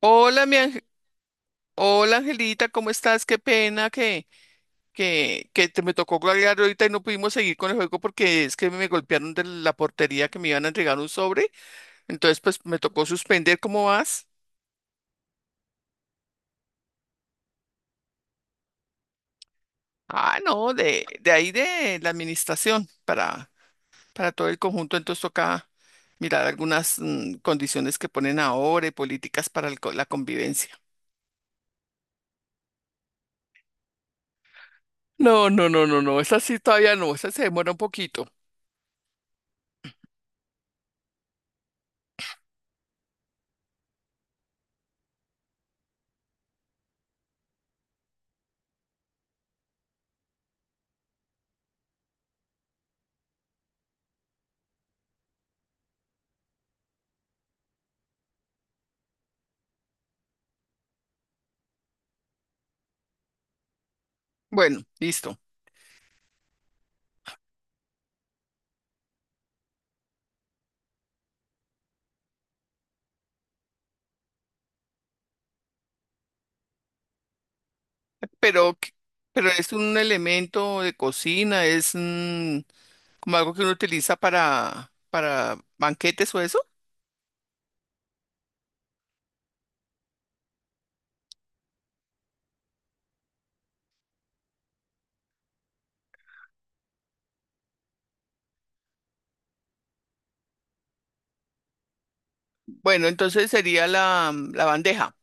Hola, mi hola, Angelita, ¿cómo estás? Qué pena que te me tocó colgar ahorita y no pudimos seguir con el juego porque es que me golpearon de la portería que me iban a entregar un sobre. Entonces, pues me tocó suspender. ¿Cómo vas? Ah, no, de ahí de la administración para todo el conjunto. Entonces toca mirar algunas condiciones que ponen ahora y políticas para el la convivencia. No, no, no, no, no. Esa sí todavía no. Esa se demora un poquito. Bueno, listo. pero, que- pero es un elemento de cocina, es como algo que uno utiliza para banquetes o eso. Bueno, entonces sería la bandeja,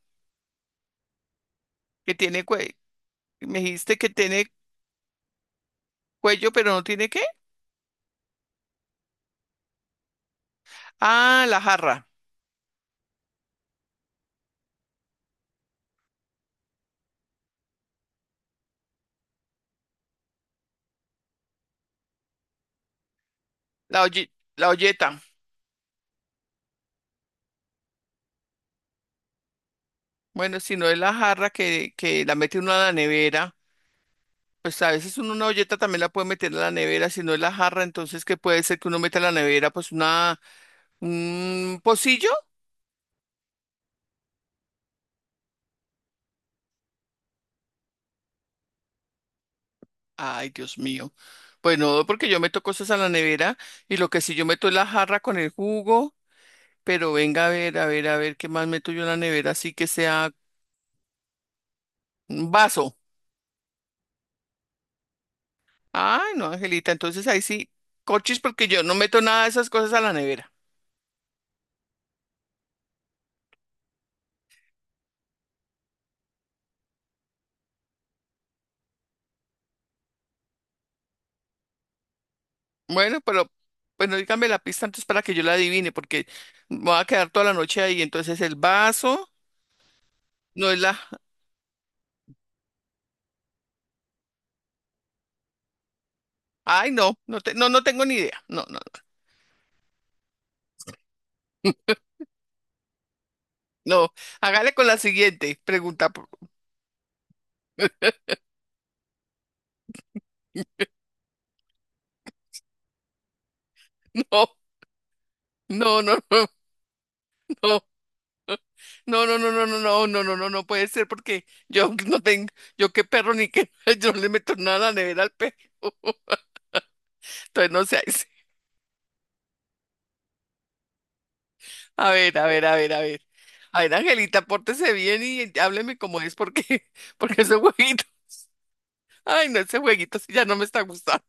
que tiene cuello. Me dijiste que tiene cuello, pero no tiene qué. Ah, la jarra, la la olleta. Bueno, si no es la jarra que la mete uno a la nevera, pues a veces uno una olleta también la puede meter a la nevera. Si no es la jarra, entonces, ¿qué puede ser que uno meta a la nevera? Pues una, un pocillo. Ay, Dios mío. Pues no, porque yo meto cosas a la nevera y lo que sí yo meto es la jarra con el jugo, pero venga a ver, a ver, a ver qué más meto yo en la nevera, así que sea un vaso. Ay, no, Angelita, entonces ahí sí, cochis, porque yo no meto nada de esas cosas a la nevera. Bueno, pero bueno, dígame la pista antes para que yo la adivine, porque me voy a quedar toda la noche ahí. Entonces el vaso no es la. Ay, no, no, no, no tengo ni idea. No, no, no. No, hágale con la siguiente pregunta. No, no, no, no. Oh, no, no, no, no, no, no, no, no, no, no puede ser porque yo no tengo, yo qué perro ni qué, yo no le meto nada a la nevera al perro. Entonces no sé, a ver, a ver, a ver, a ver. A ver, Angelita, pórtese bien y hábleme como es porque, porque ese jueguito, ay, no, ese jueguito sí ya no me está gustando.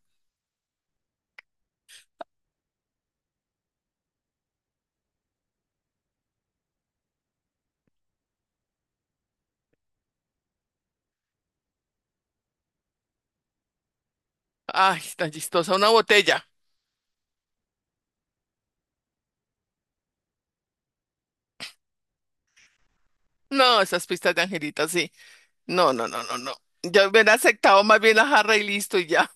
Ay, tan chistosa, una botella. No, esas pistas de Angelita, sí. No, no, no, no, no. Yo hubiera aceptado más bien la jarra y listo y ya.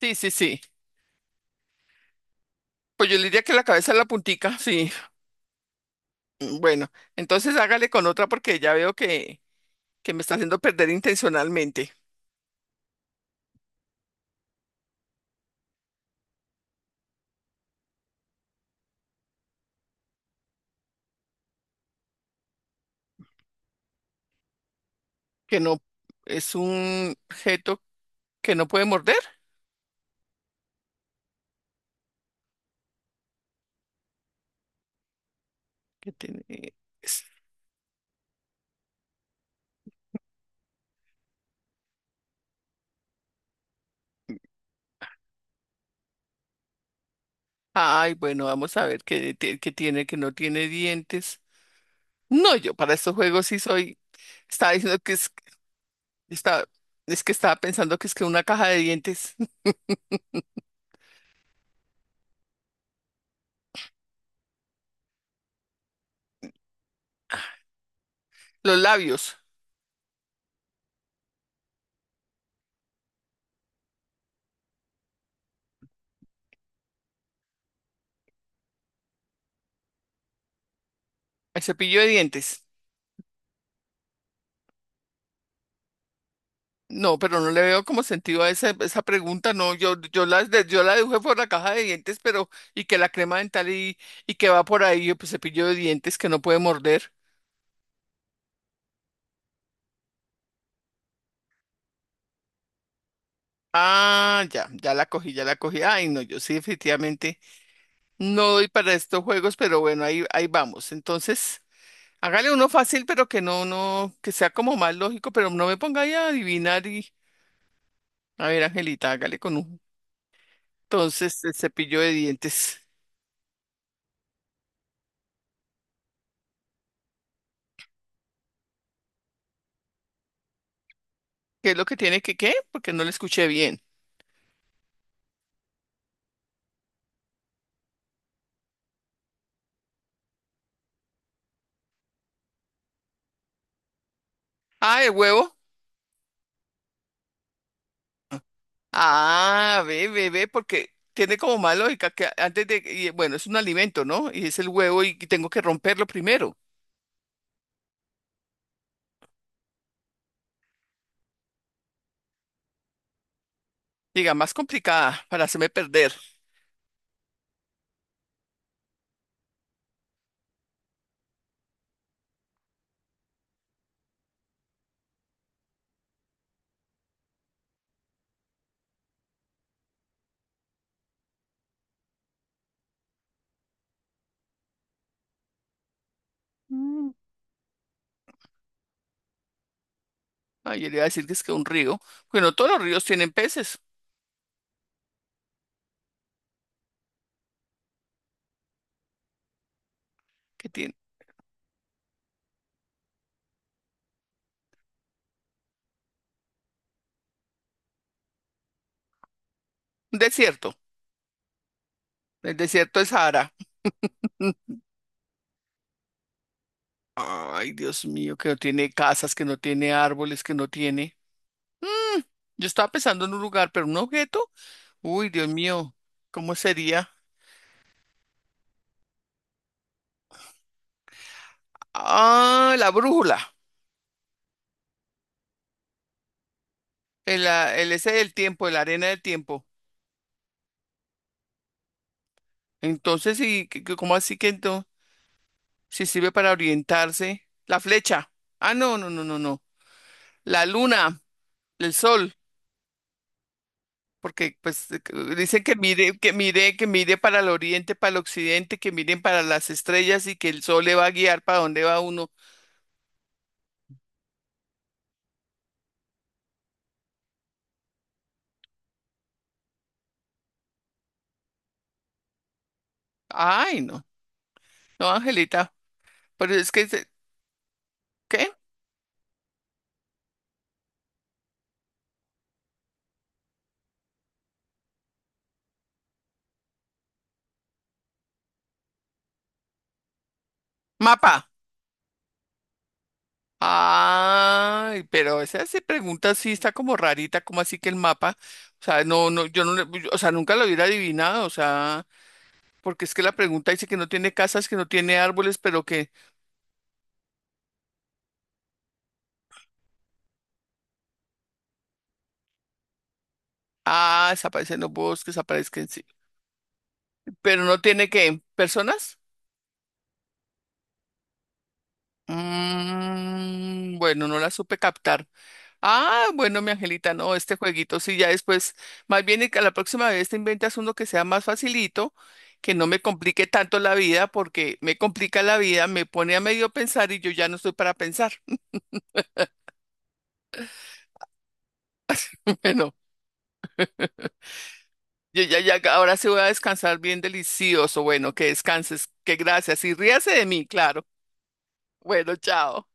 Sí, sí, sí. Pues yo le diría que la cabeza en la puntica, sí. Mm, bueno, entonces hágale con otra porque ya veo que me está haciendo perder intencionalmente, que no es un objeto que no puede morder, que es- ay, bueno, vamos a ver qué, qué tiene, que no tiene dientes. No, yo para estos juegos sí soy, estaba diciendo que es, está, es que estaba pensando que es que una caja de dientes, los labios, el cepillo de dientes. No, pero no le veo como sentido a esa, esa pregunta. No, yo la, yo la deduje por la caja de dientes, pero y que la crema dental y que va por ahí, pues cepillo de dientes que no puede morder. Ah, ya, ya la cogí, ya la cogí. Ay, no, yo sí definitivamente no doy para estos juegos, pero bueno, ahí, ahí vamos. Entonces, hágale uno fácil, pero que no, no, que sea como más lógico, pero no me ponga ahí a adivinar y, a ver, Angelita, hágale con un. Entonces, el cepillo de dientes. ¿Qué es lo que tiene que qué? Porque no lo escuché bien. Ah, el huevo. Ah, ve, ve, ve, porque tiene como más lógica que antes de, y bueno, es un alimento, ¿no? Y es el huevo y tengo que romperlo primero. Diga, más complicada para hacerme perder. Mm. Ay, yo le iba a decir que es que un río. Bueno, todos los ríos tienen peces. ¿Qué tiene? Un desierto. El desierto es Sahara. Mm. Ay, Dios mío, que no tiene casas, que no tiene árboles, que no tiene. Mm, yo estaba pensando en un lugar, pero un objeto. Uy, Dios mío, ¿cómo sería? Ah, la brújula. El, ah, el ese del tiempo, la arena del tiempo. Entonces, ¿y cómo así que entonces? Si sirve para orientarse. La flecha. Ah, no, no, no, no, no. La luna, el sol, porque pues dicen que mire, que mire, que mire para el oriente, para el occidente, que miren para las estrellas y que el sol le va a guiar para dónde va uno. Ay, no, no, Angelita, pero es que, ¿qué? Mapa. Ay, pero esa pregunta sí está como rarita, como así que el mapa, o sea, no, no, yo no, o sea, nunca lo hubiera adivinado, o sea, porque es que la pregunta dice que no tiene casas, que no tiene árboles, pero que, ah, desaparecen los bosques, aparecen, sí, pero no tiene qué personas. Mm, bueno, no la supe captar. Ah, bueno, mi angelita, no, este jueguito sí, ya después, más bien y que la próxima vez te inventas uno que sea más facilito, que no me complique tanto la vida, porque me complica la vida, me pone a medio pensar y yo ya no estoy para pensar. Bueno, yo ya, ya, ahora sí voy a descansar bien delicioso, bueno, que descanses, que gracias y ríase de mí, claro. Bueno, chao.